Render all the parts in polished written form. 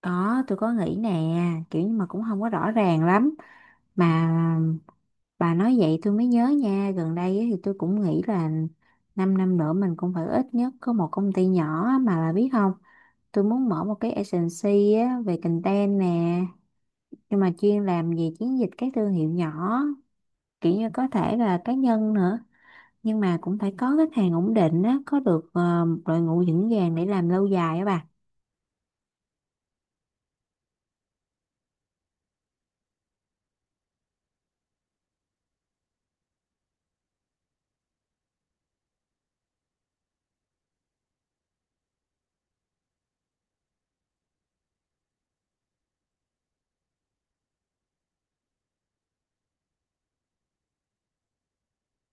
Có, tôi có nghĩ nè, kiểu nhưng mà cũng không có rõ ràng lắm. Mà bà nói vậy tôi mới nhớ nha, gần đây ấy thì tôi cũng nghĩ là 5 năm nữa mình cũng phải ít nhất có một công ty nhỏ á, mà bà biết không, tôi muốn mở một cái agency á, về content nè, nhưng mà chuyên làm về chiến dịch các thương hiệu nhỏ, kiểu như có thể là cá nhân nữa. Nhưng mà cũng phải có khách hàng ổn định á, có được một đội ngũ vững vàng để làm lâu dài á bà.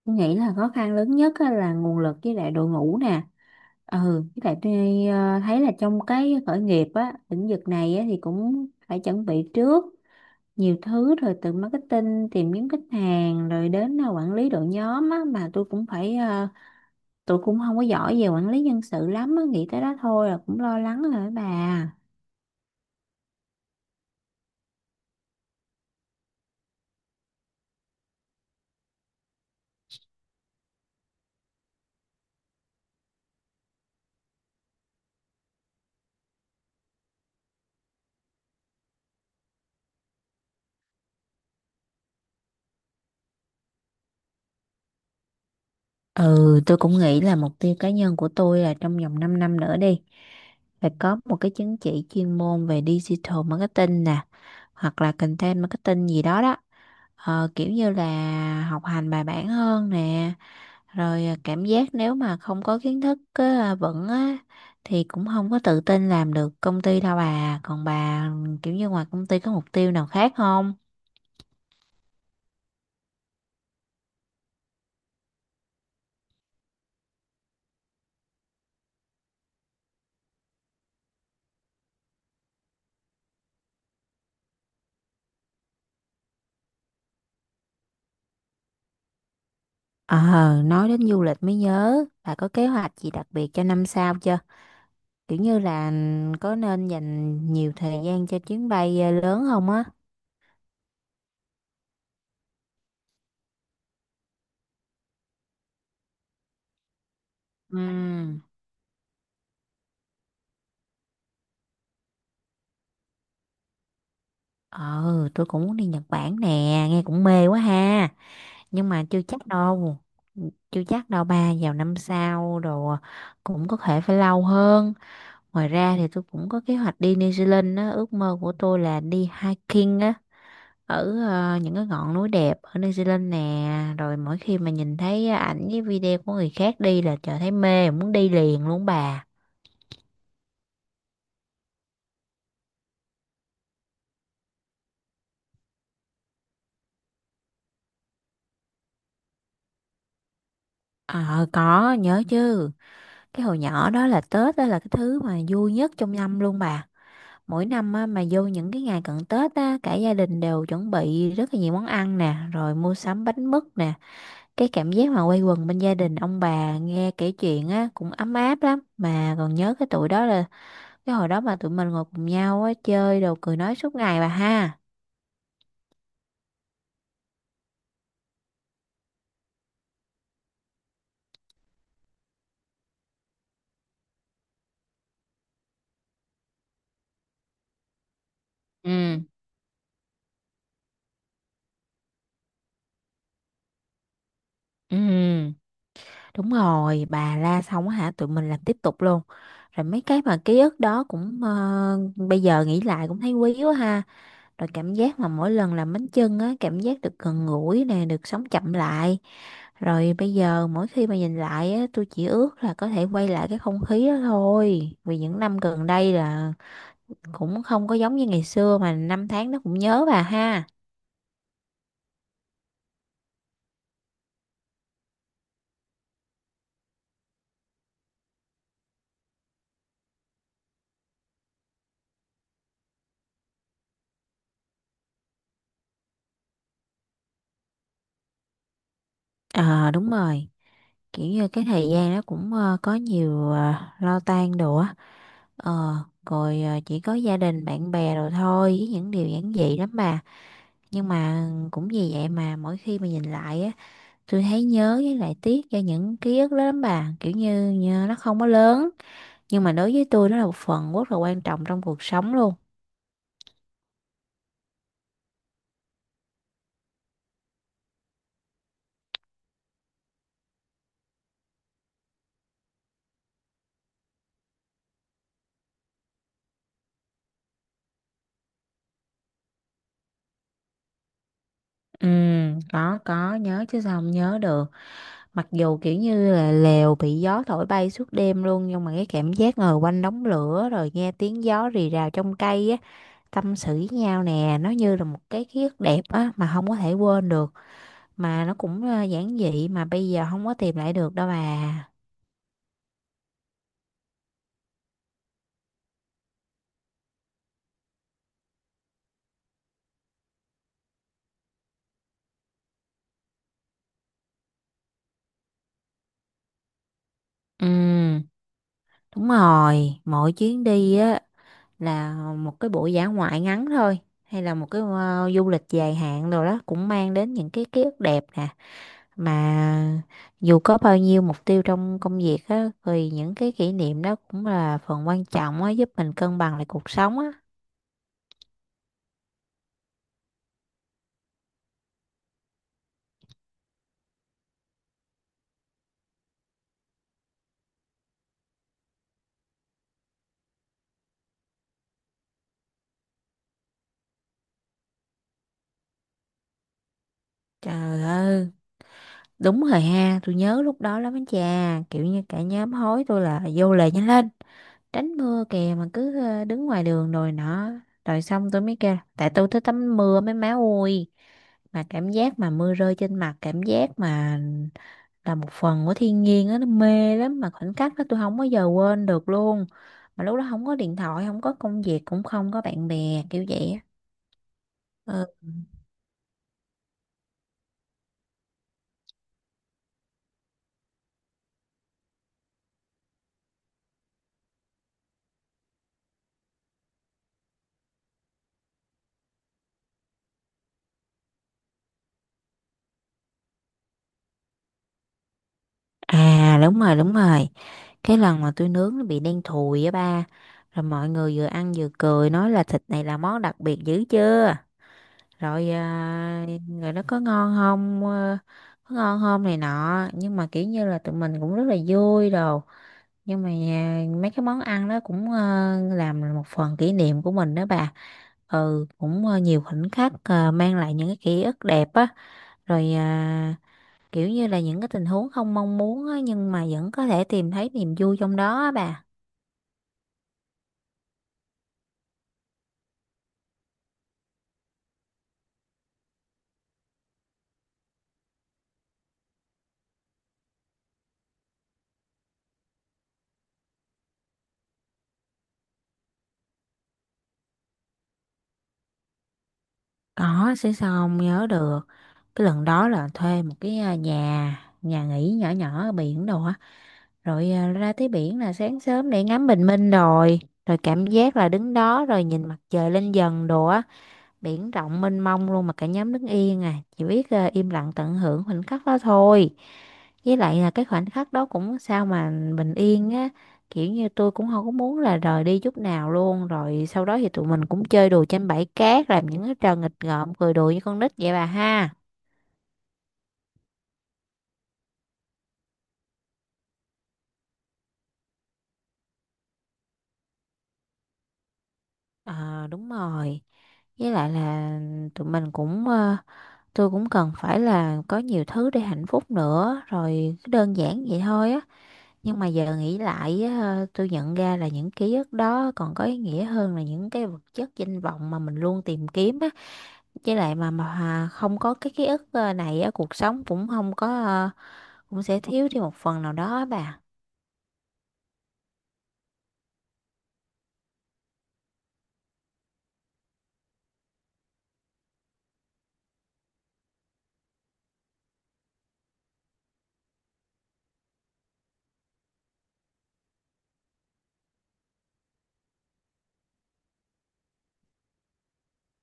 Tôi nghĩ là khó khăn lớn nhất á là nguồn lực với lại đội ngũ nè, ừ, với lại tôi thấy là trong cái khởi nghiệp á lĩnh vực này á thì cũng phải chuẩn bị trước nhiều thứ rồi từ marketing tìm kiếm khách hàng rồi đến quản lý đội nhóm á mà tôi cũng phải tôi cũng không có giỏi về quản lý nhân sự lắm á, nghĩ tới đó thôi là cũng lo lắng rồi đó bà. Ừ, tôi cũng nghĩ là mục tiêu cá nhân của tôi là trong vòng 5 năm nữa đi. Phải có một cái chứng chỉ chuyên môn về digital marketing nè, hoặc là content marketing gì đó đó. Ờ, kiểu như là học hành bài bản hơn nè, rồi à, cảm giác nếu mà không có kiến thức á, vững á, thì cũng không có tự tin làm được công ty đâu bà. Còn bà, kiểu như ngoài công ty có mục tiêu nào khác không? Ờ, nói đến du lịch mới nhớ, bà có kế hoạch gì đặc biệt cho năm sau chưa? Kiểu như là có nên dành nhiều thời gian cho chuyến bay lớn không á? Ừ, ờ tôi cũng muốn đi Nhật Bản nè, nghe cũng mê quá ha, nhưng mà chưa chắc đâu, chưa chắc đâu ba, vào năm sau đồ cũng có thể phải lâu hơn. Ngoài ra thì tôi cũng có kế hoạch đi New Zealand á, ước mơ của tôi là đi hiking á, ở những cái ngọn núi đẹp ở New Zealand nè, rồi mỗi khi mà nhìn thấy ảnh với video của người khác đi là trời thấy mê muốn đi liền luôn bà. Ờ, có nhớ chứ, cái hồi nhỏ đó là Tết đó là cái thứ mà vui nhất trong năm luôn bà. Mỗi năm á, mà vô những cái ngày cận Tết á, cả gia đình đều chuẩn bị rất là nhiều món ăn nè, rồi mua sắm bánh mứt nè. Cái cảm giác mà quây quần bên gia đình ông bà nghe kể chuyện á cũng ấm áp lắm. Mà còn nhớ cái tuổi đó là cái hồi đó mà tụi mình ngồi cùng nhau á chơi đồ cười nói suốt ngày bà ha. Ừ, ừ, đúng rồi, bà la xong á hả, tụi mình làm tiếp tục luôn. Rồi mấy cái mà ký ức đó cũng bây giờ nghĩ lại cũng thấy quý quá ha. Rồi cảm giác mà mỗi lần làm bánh chưng á, cảm giác được gần gũi nè, được sống chậm lại. Rồi bây giờ mỗi khi mà nhìn lại á, tôi chỉ ước là có thể quay lại cái không khí đó thôi. Vì những năm gần đây là cũng không có giống như ngày xưa mà năm tháng nó cũng nhớ bà ha. Ờ đúng rồi, kiểu như cái thời gian nó cũng có nhiều lo toan đồ á. Ờ Rồi chỉ có gia đình, bạn bè rồi thôi với những điều giản dị lắm bà. Nhưng mà cũng vì vậy mà mỗi khi mà nhìn lại á, tôi thấy nhớ với lại tiếc cho những ký ức đó lắm bà, kiểu như, như nó không có lớn nhưng mà đối với tôi nó là một phần rất là quan trọng trong cuộc sống luôn. Ừ, có nhớ chứ, sao không nhớ được, mặc dù kiểu như là lều bị gió thổi bay suốt đêm luôn, nhưng mà cái cảm giác ngồi quanh đống lửa rồi nghe tiếng gió rì rào trong cây á, tâm sự với nhau nè, nó như là một cái ký ức đẹp á mà không có thể quên được. Mà nó cũng giản dị mà bây giờ không có tìm lại được đâu bà. Ừ. Đúng rồi, mỗi chuyến đi á, là một cái buổi dã ngoại ngắn thôi hay là một cái du lịch dài hạn rồi đó, cũng mang đến những cái ký ức đẹp nè, mà dù có bao nhiêu mục tiêu trong công việc á thì những cái kỷ niệm đó cũng là phần quan trọng á, giúp mình cân bằng lại cuộc sống á. Trời ơi, đúng rồi ha, tôi nhớ lúc đó lắm á cha, kiểu như cả nhóm hối tôi là vô lề nhanh lên, tránh mưa kìa, mà cứ đứng ngoài đường rồi nọ, rồi xong tôi mới kêu là, tại tôi thích tắm mưa mấy má ơi, mà cảm giác mà mưa rơi trên mặt, cảm giác mà là một phần của thiên nhiên á, nó mê lắm, mà khoảnh khắc đó tôi không bao giờ quên được luôn, mà lúc đó không có điện thoại, không có công việc, cũng không có bạn bè kiểu vậy á. Ừ. À đúng rồi, đúng rồi, cái lần mà tôi nướng nó bị đen thùi á ba, rồi mọi người vừa ăn vừa cười nói là thịt này là món đặc biệt dữ chưa, rồi à, rồi nó có ngon không, có ngon không này nọ, nhưng mà kiểu như là tụi mình cũng rất là vui đồ. Nhưng mà à, mấy cái món ăn đó cũng làm một phần kỷ niệm của mình đó bà. Ừ, cũng nhiều khoảnh khắc mang lại những cái ký ức đẹp á, rồi à, kiểu như là những cái tình huống không mong muốn á, nhưng mà vẫn có thể tìm thấy niềm vui trong đó á bà. Có sẽ, sao không nhớ được, cái lần đó là thuê một cái à, nhà nhà nghỉ nhỏ nhỏ ở biển đồ á, rồi à, ra tới biển là sáng sớm để ngắm bình minh rồi, rồi cảm giác là đứng đó rồi nhìn mặt trời lên dần đồ á, biển rộng mênh mông luôn, mà cả nhóm đứng yên à, chỉ biết à, im lặng tận hưởng khoảnh khắc đó thôi. Với lại là cái khoảnh khắc đó cũng sao mà bình yên á, kiểu như tôi cũng không có muốn là rời đi chút nào luôn. Rồi sau đó thì tụi mình cũng chơi đùa trên bãi cát, làm những cái trò nghịch ngợm cười đùa như con nít vậy bà ha. Ờ đúng rồi, với lại là tụi mình cũng tôi cũng cần phải là có nhiều thứ để hạnh phúc nữa, rồi cứ đơn giản vậy thôi á. Nhưng mà giờ nghĩ lại á, tôi nhận ra là những ký ức đó còn có ý nghĩa hơn là những cái vật chất danh vọng mà mình luôn tìm kiếm á. Với lại mà không có cái ký ức này á, cuộc sống cũng không có cũng sẽ thiếu đi một phần nào đó á bà.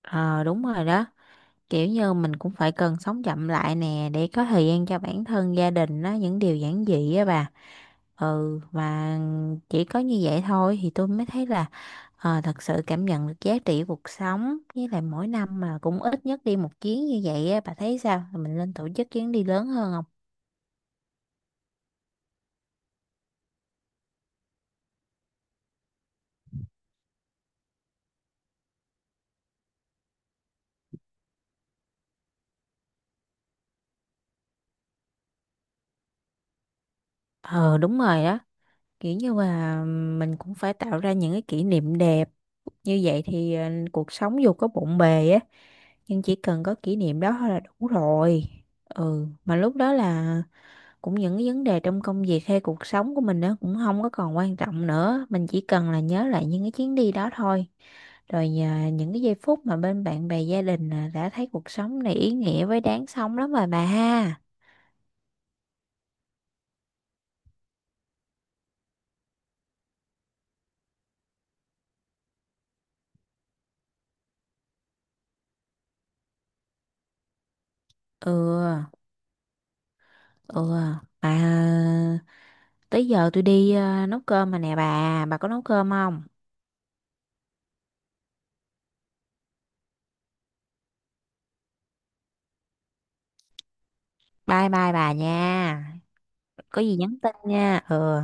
Ờ đúng rồi đó, kiểu như mình cũng phải cần sống chậm lại nè, để có thời gian cho bản thân, gia đình á, những điều giản dị á bà. Ừ mà chỉ có như vậy thôi thì tôi mới thấy là thật sự cảm nhận được giá trị cuộc sống. Với lại mỗi năm mà cũng ít nhất đi một chuyến như vậy á, bà thấy sao, mình nên tổ chức chuyến đi lớn hơn không? Ờ đúng rồi đó, kiểu như là mình cũng phải tạo ra những cái kỷ niệm đẹp, như vậy thì cuộc sống dù có bộn bề á, nhưng chỉ cần có kỷ niệm đó thôi là đủ rồi. Ừ, mà lúc đó là cũng những cái vấn đề trong công việc hay cuộc sống của mình nữa cũng không có còn quan trọng nữa, mình chỉ cần là nhớ lại những cái chuyến đi đó thôi, rồi nhờ những cái giây phút mà bên bạn bè gia đình là đã thấy cuộc sống này ý nghĩa với đáng sống lắm rồi bà ha. Ừ. Ừ. Bà, tới giờ tôi đi nấu cơm mà nè bà có nấu cơm không? Bye bye bà nha, có gì nhắn tin nha. Ừ.